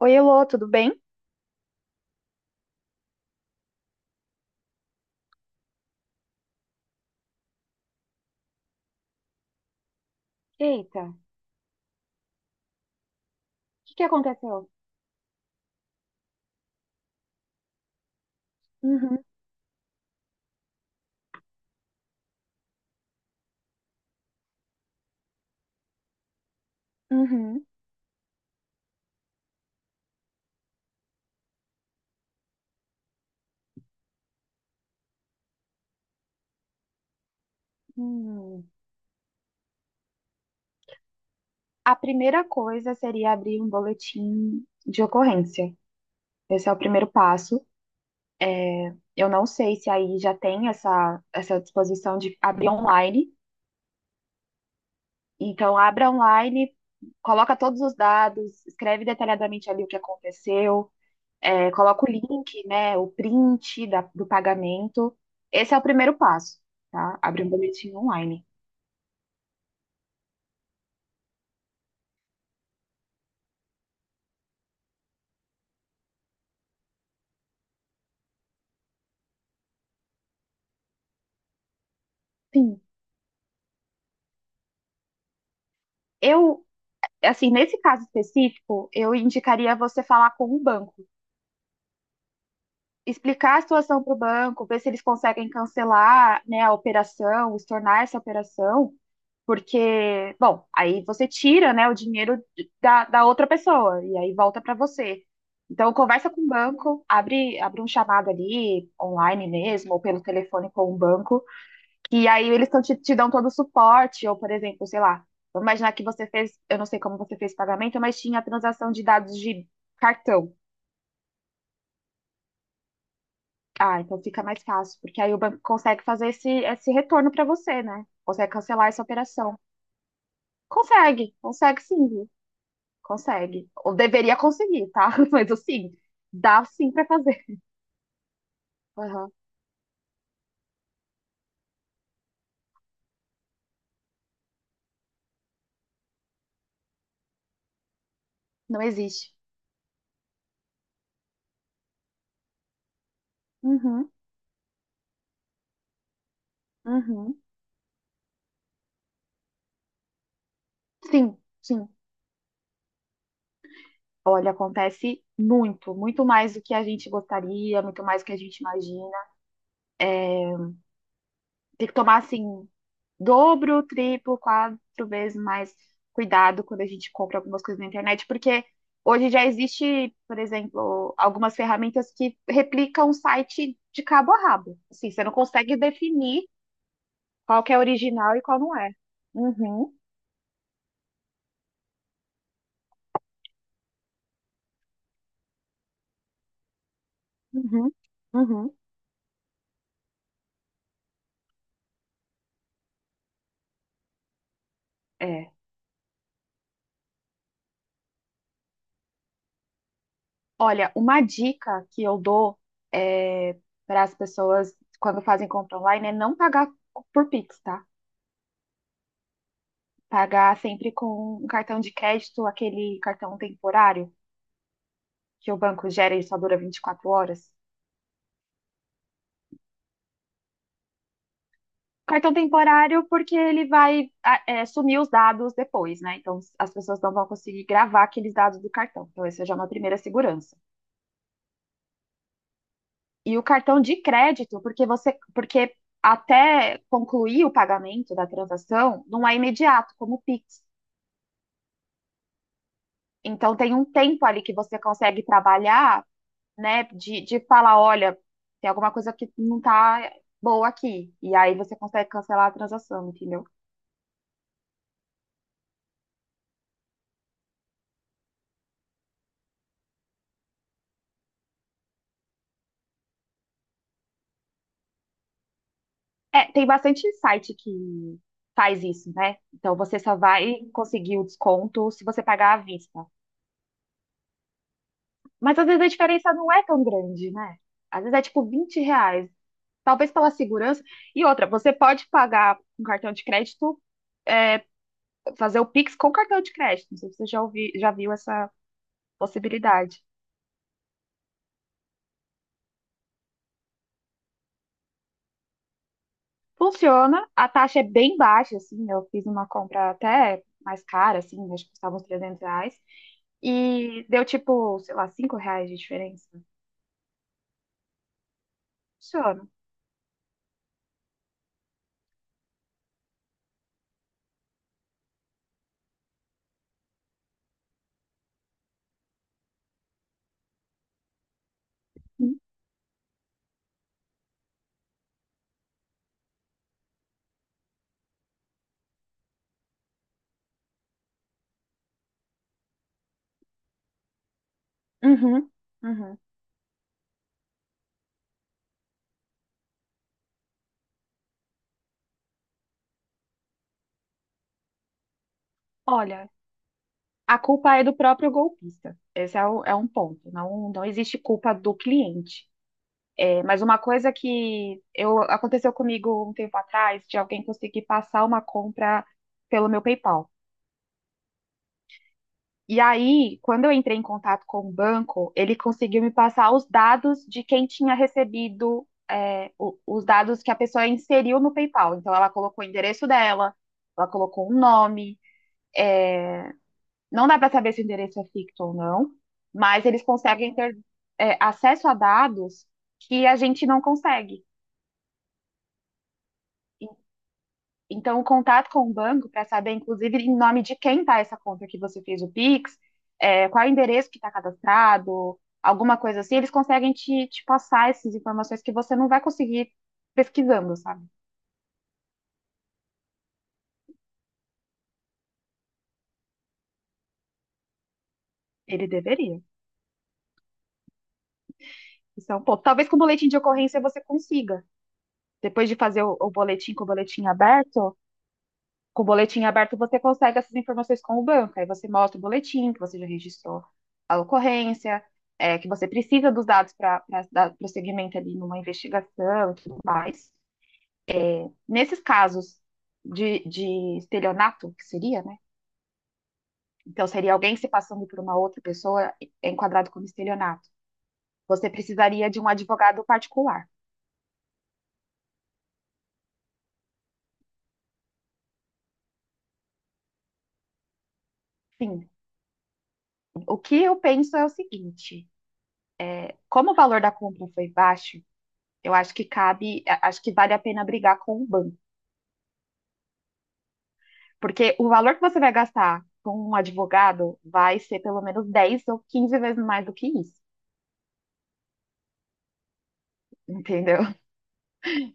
Oi, Elô, tudo bem? Eita, o que que aconteceu? Uhum, uhum. Hum, a primeira coisa seria abrir um boletim de ocorrência. Esse é o primeiro passo. Eu não sei se aí já tem essa disposição de abrir online. Então, abra online, coloca todos os dados, escreve detalhadamente ali o que aconteceu, coloca o link, né, o print do pagamento. Esse é o primeiro passo, tá? Abrir um boletim online. Sim. Eu assim, nesse caso específico, eu indicaria você falar com o banco, explicar a situação para o banco, ver se eles conseguem cancelar, né, a operação, estornar essa operação, porque, bom, aí você tira, né, o dinheiro da outra pessoa e aí volta para você. Então, conversa com o banco, abre um chamado ali, online mesmo, ou pelo telefone com o banco, e aí eles tão, te dão todo o suporte, ou por exemplo, sei lá, vamos imaginar que você fez, eu não sei como você fez o pagamento, mas tinha a transação de dados de cartão. Ah, então fica mais fácil, porque aí o banco consegue fazer esse retorno para você, né? Consegue cancelar essa operação. Consegue, consegue sim, viu? Consegue. Ou deveria conseguir, tá? Mas assim, dá sim para fazer. Aham. Não existe. Uhum, uhum. Sim, sim. Olha, acontece muito, muito mais do que a gente gostaria, muito mais do que a gente imagina. Tem que tomar, assim, dobro, triplo, quatro vezes mais cuidado quando a gente compra algumas coisas na internet, porque hoje já existe, por exemplo, algumas ferramentas que replicam o site de cabo a rabo. Assim, você não consegue definir qual que é original e qual não é. Uhum, uhum, uhum. É. Olha, uma dica que eu dou eh, para as pessoas quando fazem compra online é não pagar por Pix, tá? Pagar sempre com um cartão de crédito, aquele cartão temporário que o banco gera e só dura 24 horas. Cartão temporário porque ele vai sumir os dados depois, né? Então as pessoas não vão conseguir gravar aqueles dados do cartão. Então, essa já é uma primeira segurança. E o cartão de crédito, porque você, porque até concluir o pagamento da transação, não é imediato, como o Pix. Então tem um tempo ali que você consegue trabalhar, né, de falar, olha, tem alguma coisa que não tá boa aqui. E aí você consegue cancelar a transação, entendeu? É, tem bastante site que faz isso, né? Então você só vai conseguir o desconto se você pagar à vista. Mas às vezes a diferença não é tão grande, né? Às vezes é tipo R$ 20. Talvez pela segurança. E outra, você pode pagar com cartão de crédito, fazer o Pix com cartão de crédito. Não sei se você já ouvi, já viu essa possibilidade. Funciona, a taxa é bem baixa, assim, eu fiz uma compra até mais cara, assim, acho que custava uns R$ 300, e deu tipo, sei lá, R$ 5 de diferença. Funciona. Uhum, uhum. Olha, a culpa é do próprio golpista. Esse é um ponto. Não, não existe culpa do cliente. É, mas uma coisa que eu, aconteceu comigo um tempo atrás, de alguém conseguir passar uma compra pelo meu PayPal. E aí, quando eu entrei em contato com o banco, ele conseguiu me passar os dados de quem tinha recebido, os dados que a pessoa inseriu no PayPal. Então, ela colocou o endereço dela, ela colocou um nome. Não dá para saber se o endereço é ficto ou não, mas eles conseguem ter, acesso a dados que a gente não consegue. Então, o contato com o banco para saber, inclusive, em nome de quem está essa conta que você fez o Pix, é, qual é o endereço que está cadastrado, alguma coisa assim, eles conseguem te, passar essas informações que você não vai conseguir pesquisando, sabe? Ele deveria. Isso é um ponto. Talvez com o boletim de ocorrência você consiga. Depois de fazer o boletim com o boletim aberto, você consegue essas informações com o banco. Aí você mostra o boletim, que você já registrou a ocorrência, que você precisa dos dados para dar prosseguimento ali numa investigação e tudo mais. Nesses casos de estelionato, que seria, né? Então, seria alguém se passando por uma outra pessoa é enquadrado como estelionato. Você precisaria de um advogado particular. Sim, o que eu penso é o seguinte: como o valor da compra foi baixo, eu acho que cabe, acho que vale a pena brigar com o banco. Porque o valor que você vai gastar com um advogado vai ser pelo menos 10 ou 15 vezes mais do que isso. Entendeu?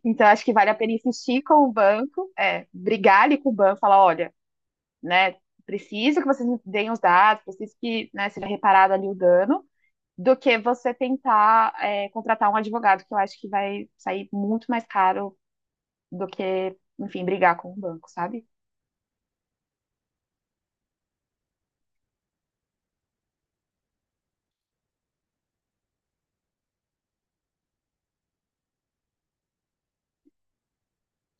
Então, acho que vale a pena insistir com o banco, brigar ali com o banco, falar, olha, né, preciso que vocês me deem os dados, preciso que, né, seja reparado ali o dano, do que você tentar, contratar um advogado, que eu acho que vai sair muito mais caro do que, enfim, brigar com o banco, sabe?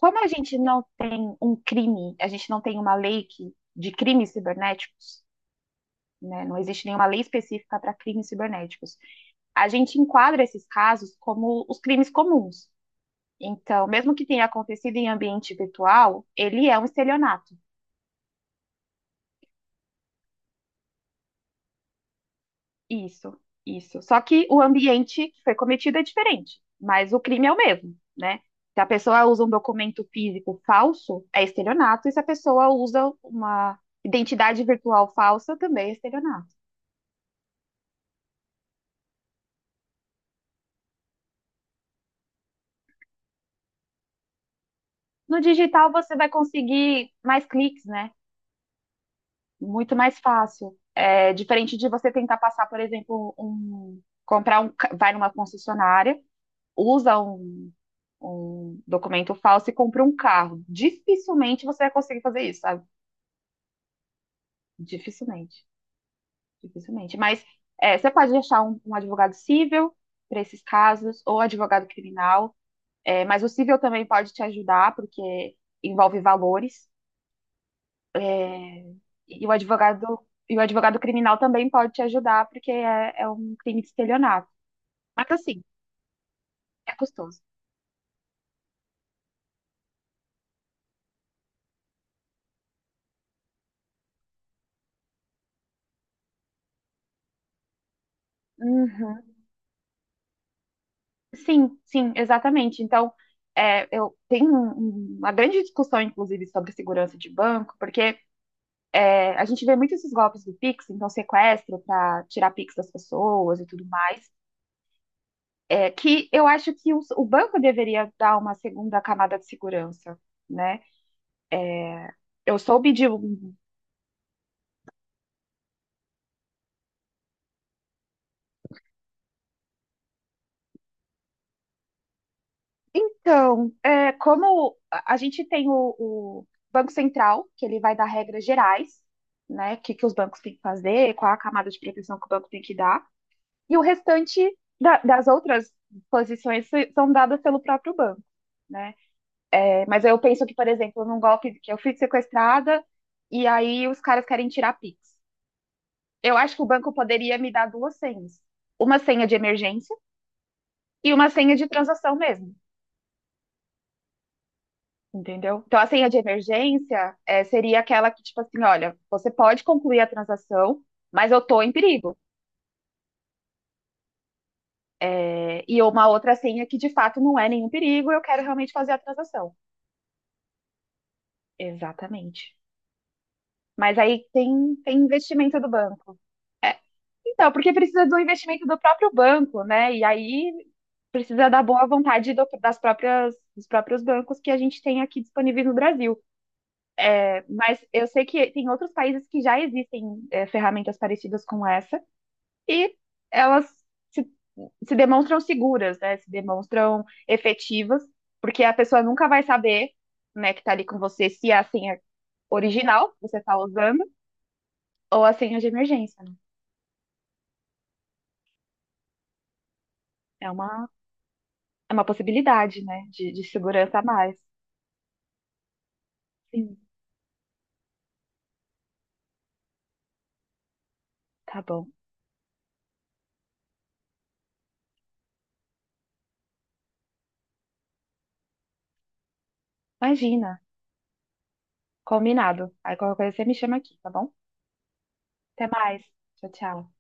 Como a gente não tem um crime, a gente não tem uma lei que, de crimes cibernéticos, né? Não existe nenhuma lei específica para crimes cibernéticos. A gente enquadra esses casos como os crimes comuns. Então, mesmo que tenha acontecido em ambiente virtual, ele é um estelionato. Isso, isso. Só que o ambiente que foi cometido é diferente, mas o crime é o mesmo, né? Se a pessoa usa um documento físico falso, é estelionato, e se a pessoa usa uma identidade virtual falsa, também é estelionato. No digital, você vai conseguir mais cliques, né? Muito mais fácil. É diferente de você tentar passar, por exemplo, um, comprar um, vai numa concessionária, usa um documento falso e compra um carro. Dificilmente você vai conseguir fazer isso, sabe? Dificilmente, dificilmente. Mas você pode achar um advogado civil para esses casos ou advogado criminal. É, mas o civil também pode te ajudar porque envolve valores. E o advogado, e o advogado criminal também pode te ajudar, porque é um crime de estelionato. Mas assim, é custoso. Uhum. Sim, sim, exatamente. Então, eu tenho uma grande discussão, inclusive, sobre segurança de banco, porque a gente vê muito esses golpes do Pix, então sequestro para tirar Pix das pessoas e tudo mais, que eu acho que o banco deveria dar uma segunda camada de segurança, né? Eu soube de, então, como a gente tem o Banco Central, que ele vai dar regras gerais, né? O que, que os bancos têm que fazer, qual a camada de proteção que o banco tem que dar, e o restante das outras posições são dadas pelo próprio banco, né? É, mas eu penso que, por exemplo, num golpe que eu fui sequestrada e aí os caras querem tirar Pix. Eu acho que o banco poderia me dar duas senhas, uma senha de emergência e uma senha de transação mesmo. Entendeu? Então, assim, a senha de emergência seria aquela que, tipo assim, olha, você pode concluir a transação, mas eu estou em perigo. E uma outra senha que, de fato, não é nenhum perigo, eu quero realmente fazer a transação. Exatamente. Mas aí tem, tem investimento do banco. É, então, porque precisa do investimento do próprio banco, né? E aí precisa da boa vontade das próprias, dos próprios bancos que a gente tem aqui disponíveis no Brasil. Mas eu sei que tem outros países que já existem ferramentas parecidas com essa. E elas se, se demonstram seguras, né? Se demonstram efetivas, porque a pessoa nunca vai saber, né, que tá ali com você se é a senha original que você tá usando ou a senha de emergência, né? É uma, é uma possibilidade, né, de segurança a mais. Sim, tá bom. Imagina, combinado. Aí qualquer coisa você me chama aqui, tá bom? Até mais. Tchau, tchau.